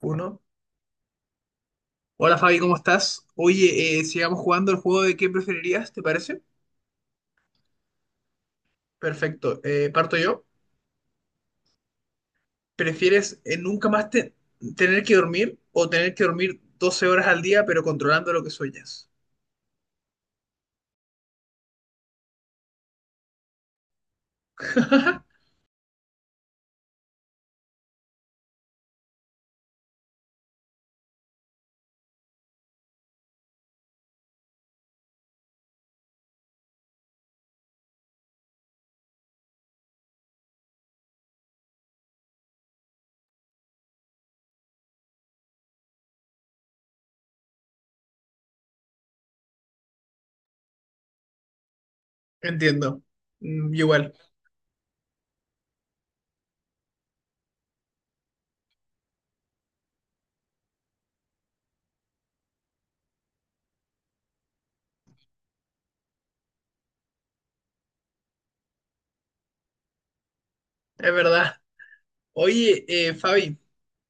Uno. Hola Fabi, ¿cómo estás? Oye, sigamos jugando el juego de qué preferirías, ¿te parece? Perfecto. Parto yo. ¿Prefieres nunca más te- tener que dormir o tener que dormir 12 horas al día pero controlando lo que sueñas? Entiendo. Mm, igual, es verdad. Oye, Fabi,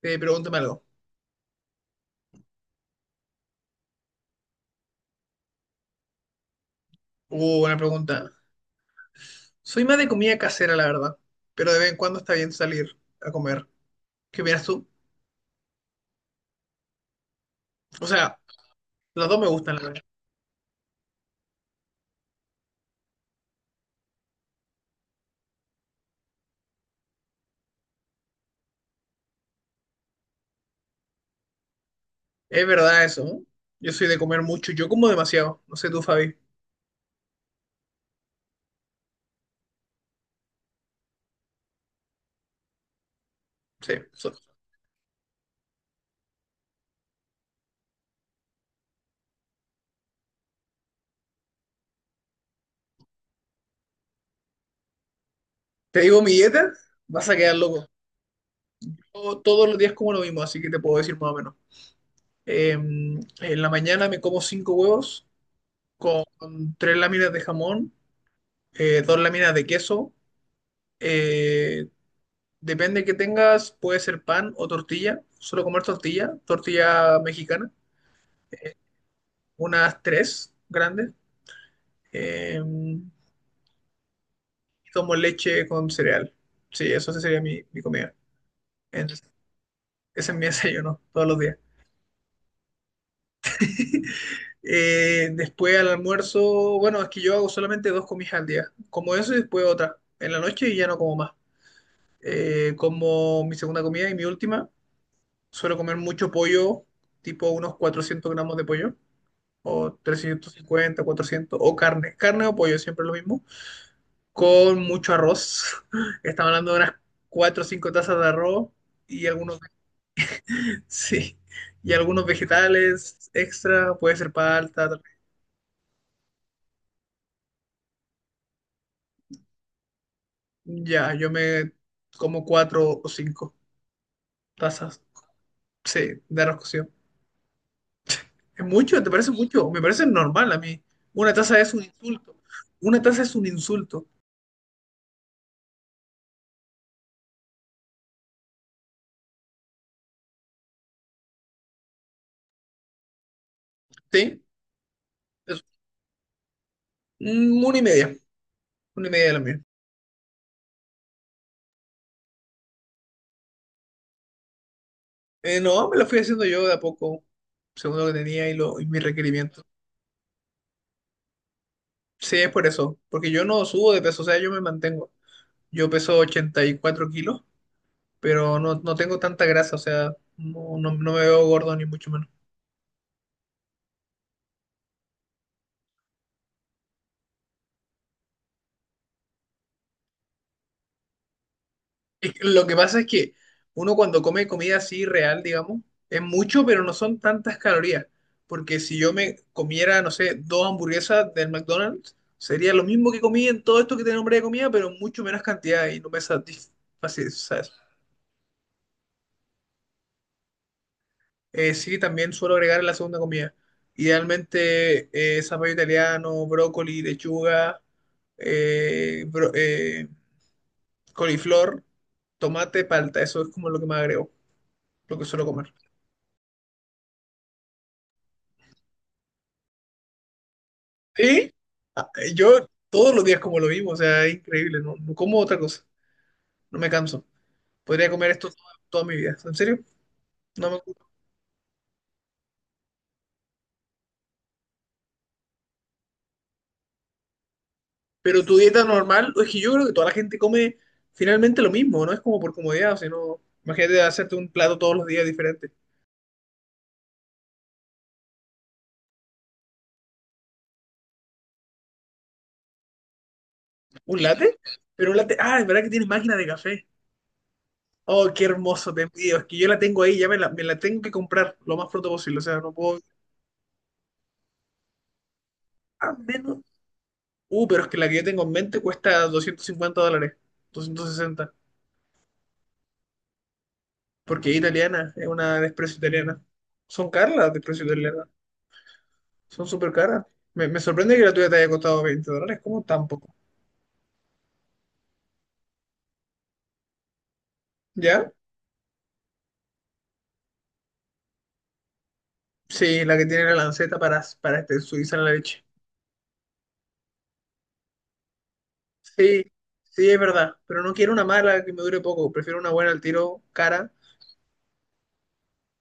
pregúntame algo. Buena pregunta. Soy más de comida casera, la verdad, pero de vez en cuando está bien salir a comer. ¿Qué opinas tú? O sea, las dos me gustan, la verdad. Es verdad eso, ¿no? Yo soy de comer mucho, yo como demasiado. No sé tú, Fabi. Sí, te digo mi dieta, vas a quedar loco. Yo todos los días como lo mismo, así que te puedo decir más o menos. En la mañana me como 5 huevos con 3 láminas de jamón, 2 láminas de queso. eh, Depende que tengas, puede ser pan o tortilla. Solo comer tortilla, tortilla mexicana, unas tres grandes. eh, y tomo leche con cereal. Sí, eso sí sería mi comida. Ese es mi desayuno todos los días. Después al almuerzo, bueno, es que yo hago solamente dos comidas al día. Como eso y después otra. En la noche y ya no como más. Como mi segunda comida y mi última. Suelo comer mucho pollo, tipo unos 400 gramos de pollo. O 350 400. O carne. Carne o pollo, siempre lo mismo. Con mucho arroz. Estamos hablando de unas 4 o 5 tazas de arroz y algunos. Sí, y algunos vegetales extra, puede ser palta, ya, yo me como cuatro o cinco tazas, sí, de arroz cocido. ¿Es mucho? ¿Te parece mucho? Me parece normal a mí. Una taza es un insulto. Una taza es un insulto, ¿sí? Es mm, una y media de la mía. No, me lo fui haciendo yo de a poco, según lo que tenía y mis requerimientos. Sí, es por eso, porque yo no subo de peso, o sea, yo me mantengo. Yo peso 84 kilos pero no, no tengo tanta grasa, o sea, no me veo gordo ni mucho menos. Es que lo que pasa es que uno cuando come comida así real, digamos, es mucho, pero no son tantas calorías, porque si yo me comiera, no sé, dos hamburguesas del McDonald's, sería lo mismo que comí en todo esto que te nombré de comida, pero en mucho menos cantidad y no me satisface, ¿sabes? Sí, también suelo agregar en la segunda comida. Idealmente, zapallo italiano, brócoli, lechuga, eh, bro- eh, coliflor, tomate, palta, eso es como lo que más agrego, lo que suelo comer. y Yo todos los días como lo mismo, o sea, es increíble, no como otra cosa, no me canso. Podría comer esto toda mi vida, ¿en serio? No me... Pero tu dieta normal, es que yo creo que toda la gente come finalmente lo mismo, no es como por comodidad, sino imagínate hacerte un plato todos los días diferente. ¿Un latte? Pero un latte, ah, es verdad que tiene máquina de café. Oh, qué hermoso, te envidio. Es que yo la tengo ahí, ya me la tengo que comprar lo más pronto posible. O sea, no puedo. A menos. Pero es que la que yo tengo en mente cuesta 250 dólares, 260, porque es italiana, es una de Espresso italiana. Son caras las de Espresso italiana, son súper caras. Me sorprende que la tuya te haya costado 20 dólares, ¿cómo tan poco? ¿Ya? Sí, la que tiene la lanceta para, este, suiza en la leche. Sí, sí, es verdad, pero no quiero una mala que me dure poco, prefiero una buena al tiro, cara,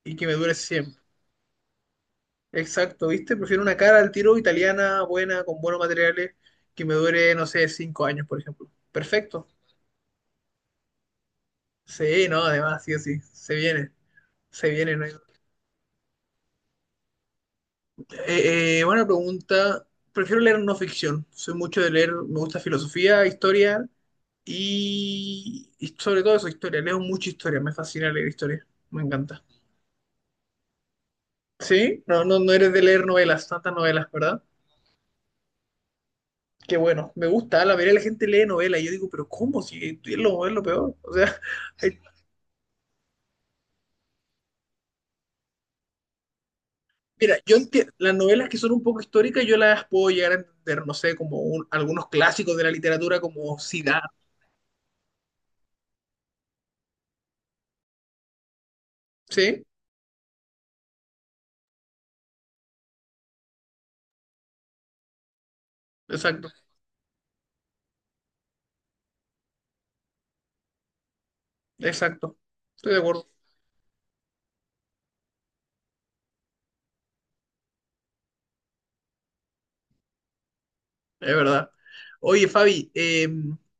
y que me dure siempre. Exacto, ¿viste? Prefiero una cara al tiro italiana, buena, con buenos materiales, que me dure, no sé, 5 años, por ejemplo. Perfecto. Sí, no, además, sí o sí, se viene. No hay- buena pregunta. Prefiero leer no ficción. Soy mucho de leer, me gusta filosofía, historia y sobre todo eso, historia. Leo mucha historia, me fascina leer historia, me encanta. Sí, no eres de leer novelas, tantas novelas, ¿verdad? Qué bueno, me gusta, la mayoría de la gente lee novelas y yo digo, pero ¿cómo? Si es lo, es lo peor. O sea, hay mira, yo entiendo, las novelas que son un poco históricas yo las puedo llegar a entender, no sé, algunos clásicos de la literatura como Siddhartha, ¿sí? Exacto, exacto. Estoy de acuerdo, es verdad. Oye, Fabi,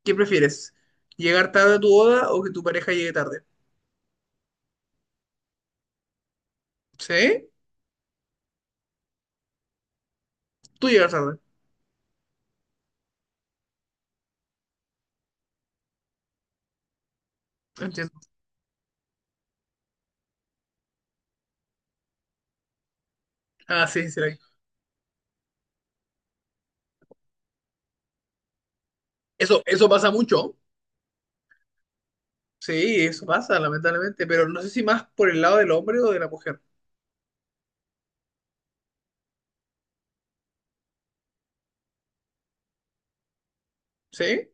¿qué prefieres? ¿Llegar tarde a tu boda o que tu pareja llegue tarde? ¿Sí? Tú llegas tarde, entiendo. Ah, sí, sí, sí. Eso pasa mucho. Sí, eso pasa, lamentablemente, pero no sé si más por el lado del hombre o de la mujer, ¿sí?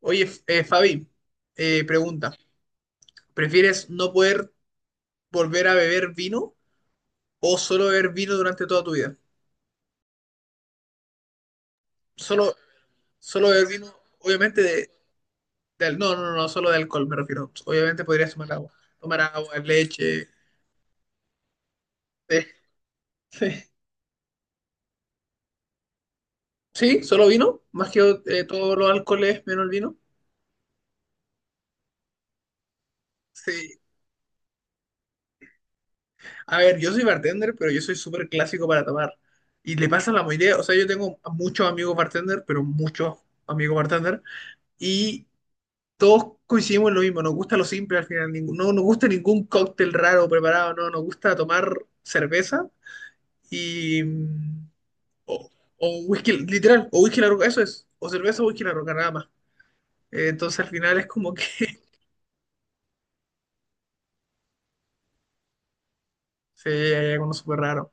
Oye, Fabi, pregunta. ¿Prefieres no poder volver a beber vino o solo beber vino durante toda tu vida? Solo, solo beber vino, obviamente, no, no, no, no, solo de alcohol me refiero. Obviamente podrías tomar agua, leche, té, sí, sí, solo vino, más que todos los alcoholes menos el vino. Sí. A ver, yo soy bartender, pero yo soy súper clásico para tomar. Y le pasa a la mayoría, o sea, yo tengo muchos amigos bartender, pero muchos amigos bartender. Y todos coincidimos en lo mismo, nos gusta lo simple al final, no nos gusta ningún cóctel raro preparado, no, nos gusta tomar cerveza y... mm, o, o whisky, literal, o whisky la roca, eso es, o cerveza o whisky la roca, nada más. Entonces al final es como que se hay algo súper raro.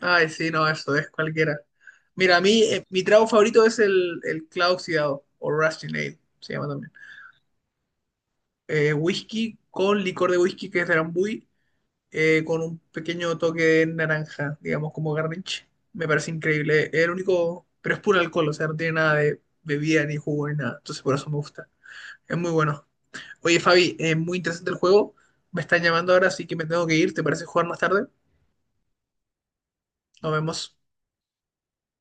Ay, sí, no, eso es cualquiera. Mira, a mí, mi trago favorito es el clavo oxidado, o Rusty Nail, se llama también. Whisky con licor de whisky que es de Drambuie con un pequeño toque de naranja, digamos, como garnish. Me parece increíble. Es el único, pero es puro alcohol, o sea, no tiene nada de bebida ni jugo ni nada. Entonces por eso me gusta. Es muy bueno. Oye, Fabi, es muy interesante el juego. Me están llamando ahora, así que me tengo que ir. ¿Te parece jugar más tarde? Nos vemos.